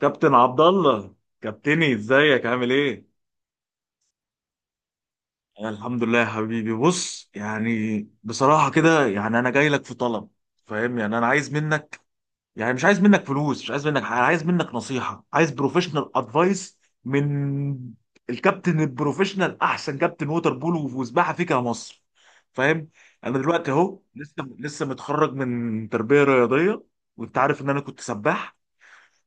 كابتن عبد الله، كابتني ازيك عامل ايه؟ أنا الحمد لله يا حبيبي. بص يعني بصراحه كده، يعني انا جاي لك في طلب. فاهم؟ يعني انا عايز منك، يعني مش عايز منك فلوس، مش عايز منك حاجه، عايز منك نصيحه، عايز بروفيشنال ادفايس من الكابتن البروفيشنال، احسن كابتن ووتر بولو وسباحه فيك يا مصر. فاهم؟ انا دلوقتي اهو لسه متخرج من تربيه رياضيه، وانت عارف ان انا كنت سباح.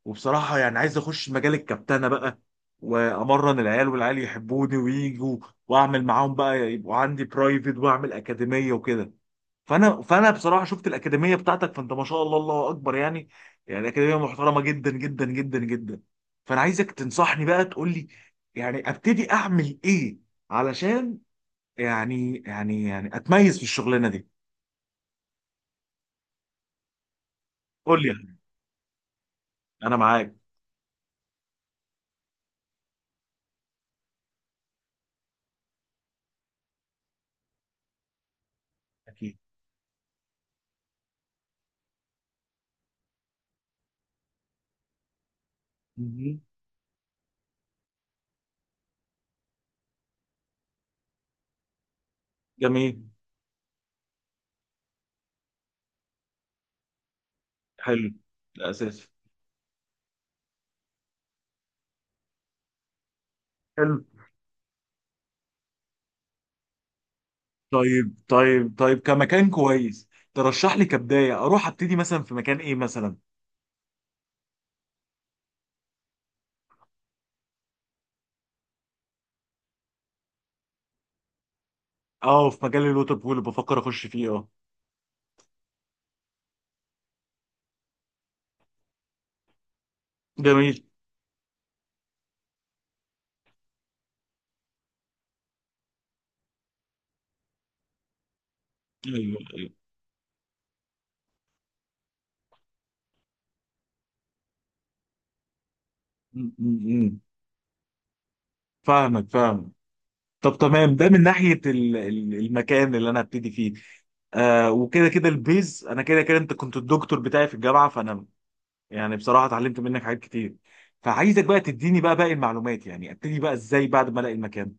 وبصراحة يعني عايز أخش مجال الكابتنة بقى، وأمرن العيال والعيال يحبوني ويجوا، وأعمل معاهم بقى يبقوا عندي برايفت، وأعمل أكاديمية وكده. فأنا بصراحة شفت الأكاديمية بتاعتك، فأنت ما شاء الله الله أكبر، يعني يعني أكاديمية محترمة جدا جدا جدا جدا. فأنا عايزك تنصحني بقى، تقول لي يعني أبتدي أعمل إيه، علشان يعني أتميز في الشغلانة دي. قول لي يعني. أنا معاك. أكيد. مهم. جميل. حلو. ده أساسي. حلو. طيب طيب طيب، كمكان كويس ترشح لي كبداية اروح ابتدي مثلا في مكان ايه مثلا؟ اه، في مجال الوتر بول بفكر اخش فيه، اه. جميل. ايوه ايوه. م- م- م. فاهمك. طب تمام، ده من ناحية المكان اللي انا هبتدي فيه. آه، وكده كده البيز انا كده كده، انت كنت الدكتور بتاعي في الجامعه، فانا يعني بصراحه اتعلمت منك حاجات كتير. فعايزك بقى تديني بقى باقي المعلومات، يعني ابتدي بقى ازاي بعد ما الاقي المكان؟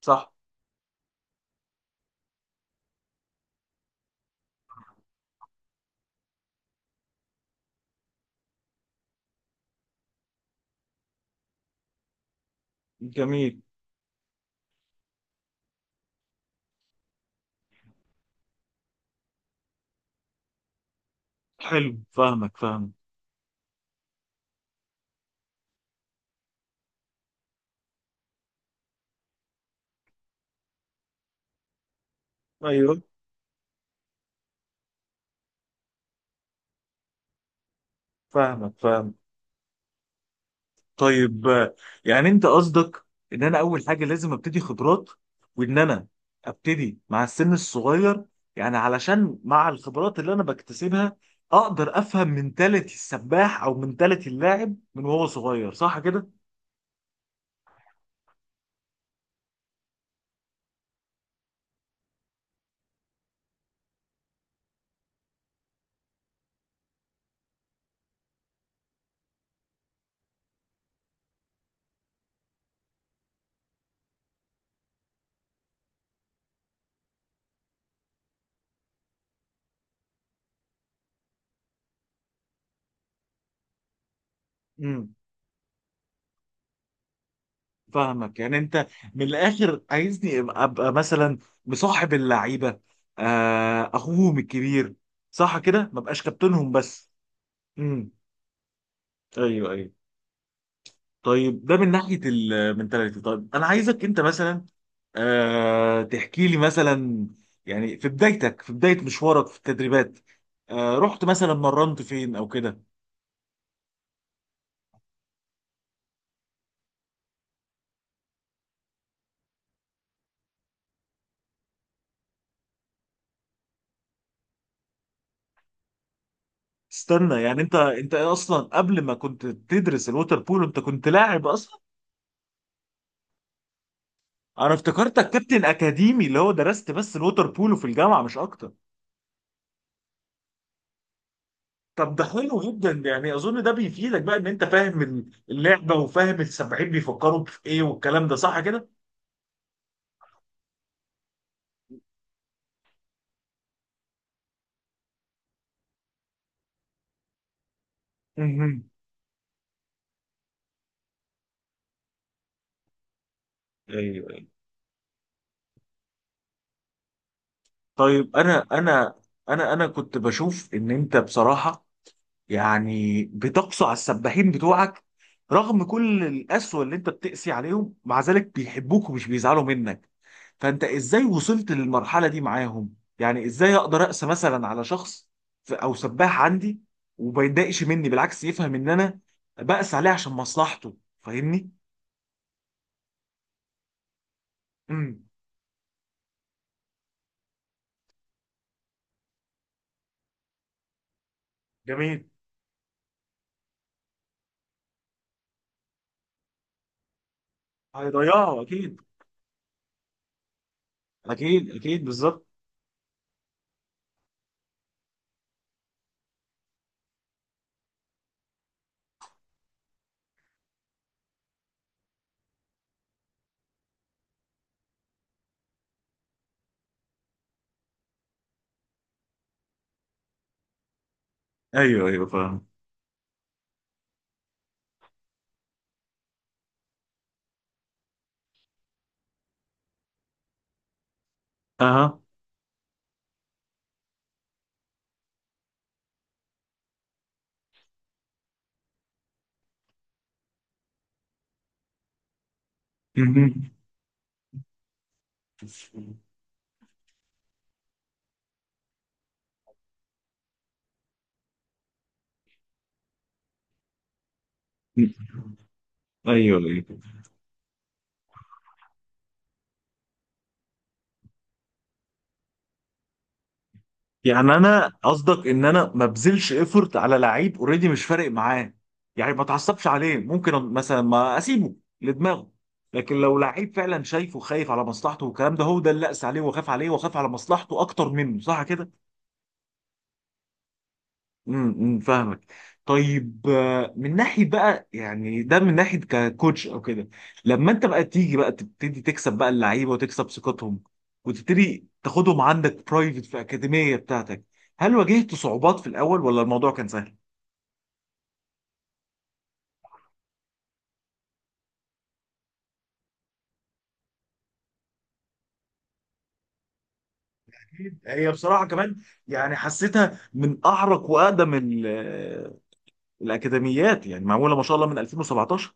صح. جميل. حلو، فاهمك. فاهم. فاهمك. فاهم. طيب آه، يعني انت قصدك ان انا اول حاجه لازم ابتدي خبرات، وان انا ابتدي مع السن الصغير، يعني علشان مع الخبرات اللي انا بكتسبها اقدر افهم منتاليتي السباح او منتاليتي اللاعب من وهو صغير، صح كده؟ امم. فاهمك، يعني انت من الاخر عايزني أبقى مثلا مصاحب اللعيبه، آه، اخوهم الكبير، صح كده؟ ما بقاش كابتنهم بس. امم. ايوه ايوه. طيب ده من ناحيه المنتاليتي. طيب انا عايزك انت مثلا آه تحكي لي مثلا، يعني في بدايتك، في بدايه مشوارك في التدريبات، آه رحت مثلا مرنت فين او كده؟ استنى، يعني انت اصلا قبل ما كنت تدرس الووتر بولو انت كنت لاعب اصلا؟ انا افتكرتك كابتن اكاديمي اللي هو درست بس الووتر بولو في الجامعه مش اكتر. طب ده حلو جدا، يعني اظن ده بيفيدك بقى ان انت فاهم اللعبه وفاهم السبعين بيفكروا في ايه والكلام ده، صح كده؟ مهم. ايوه. طيب انا كنت بشوف ان انت بصراحه يعني بتقسو على السباحين بتوعك. رغم كل القسوه اللي انت بتقسي عليهم، مع ذلك بيحبوك ومش بيزعلوا منك. فانت ازاي وصلت للمرحله دي معاهم؟ يعني ازاي اقدر اقسى مثلا على شخص او سباح عندي، وما يتضايقش مني، بالعكس يفهم ان انا بقسى عليه عشان مصلحته. فاهمني؟ امم. جميل. هيضيعه اكيد. اكيد اكيد، بالظبط. ايوه ايوه، فاهم. اها. مهم. ايوه ايوه. يعني انا قصدك ان انا ما بذلش ايفورت على لعيب اوريدي مش فارق معاه، يعني ما اتعصبش عليه، ممكن مثلا ما اسيبه لدماغه. لكن لو لعيب فعلا شايفه خايف على مصلحته والكلام ده، هو ده اللي اقسى عليه وخاف عليه وخاف على مصلحته اكتر منه، صح كده؟ فاهمك. طيب آه، من ناحيه بقى، يعني ده من ناحيه ككوتش او كده. لما انت بقى تيجي بقى تبتدي تكسب بقى اللعيبه وتكسب ثقتهم وتبتدي تاخدهم عندك برايفت في اكاديميه بتاعتك، هل واجهت صعوبات في الاول ولا الموضوع كان سهل؟ هي بصراحه كمان يعني حسيتها من اعرق واقدم آه، الاكاديميات، يعني معموله ما شاء الله من 2017.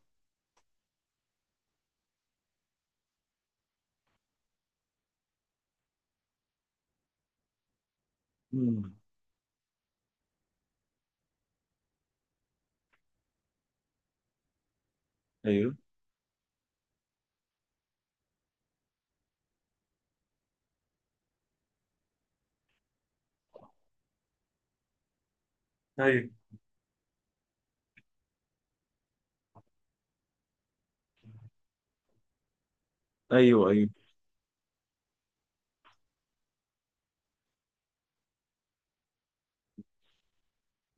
امم. ايوه ايوه ايوه ايوه.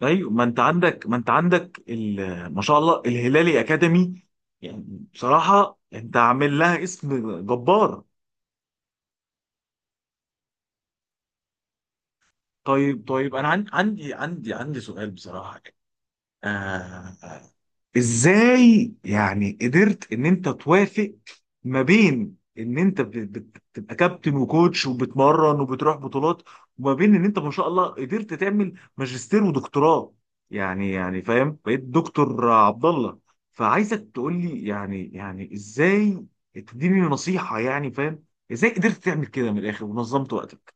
ايوه ما انت عندك، ما انت عندك ما شاء الله الهلالي اكاديمي. يعني بصراحه انت عامل لها اسم جبار. طيب طيب، انا عندي سؤال بصراحه، آه. ازاي يعني قدرت ان انت توافق ما بين ان انت بتبقى كابتن وكوتش وبتمرن وبتروح بطولات، وما بين ان انت ما شاء الله قدرت تعمل ماجستير ودكتوراه؟ يعني يعني فاهم، بقيت دكتور عبد الله. فعايزك تقول لي يعني يعني ازاي، تديني نصيحة، يعني فاهم ازاي قدرت تعمل كده؟ من الاخر ونظمت وقتك.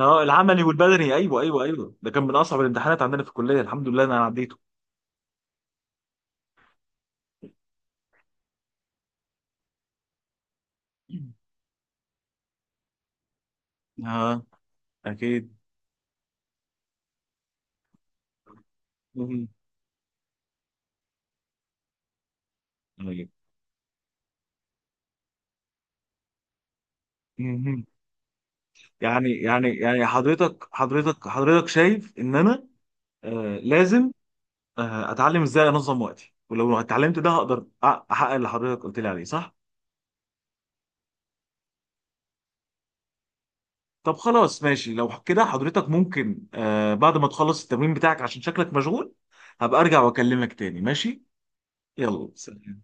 اه، العملي والبدني، ايوه ايوه ايوه. ده كان من اصعب الامتحانات عندنا في الكلية، الحمد لله إن انا عديته. اه. اكيد. مهم. طيب. مهم. يعني حضرتك شايف ان انا آه لازم آه اتعلم ازاي انظم وقتي، ولو اتعلمت ده هقدر احقق اللي حضرتك قلت لي عليه، صح؟ طب خلاص ماشي، لو كده حضرتك ممكن آه بعد ما تخلص التمرين بتاعك عشان شكلك مشغول هبقى ارجع واكلمك تاني، ماشي؟ يلا سلام.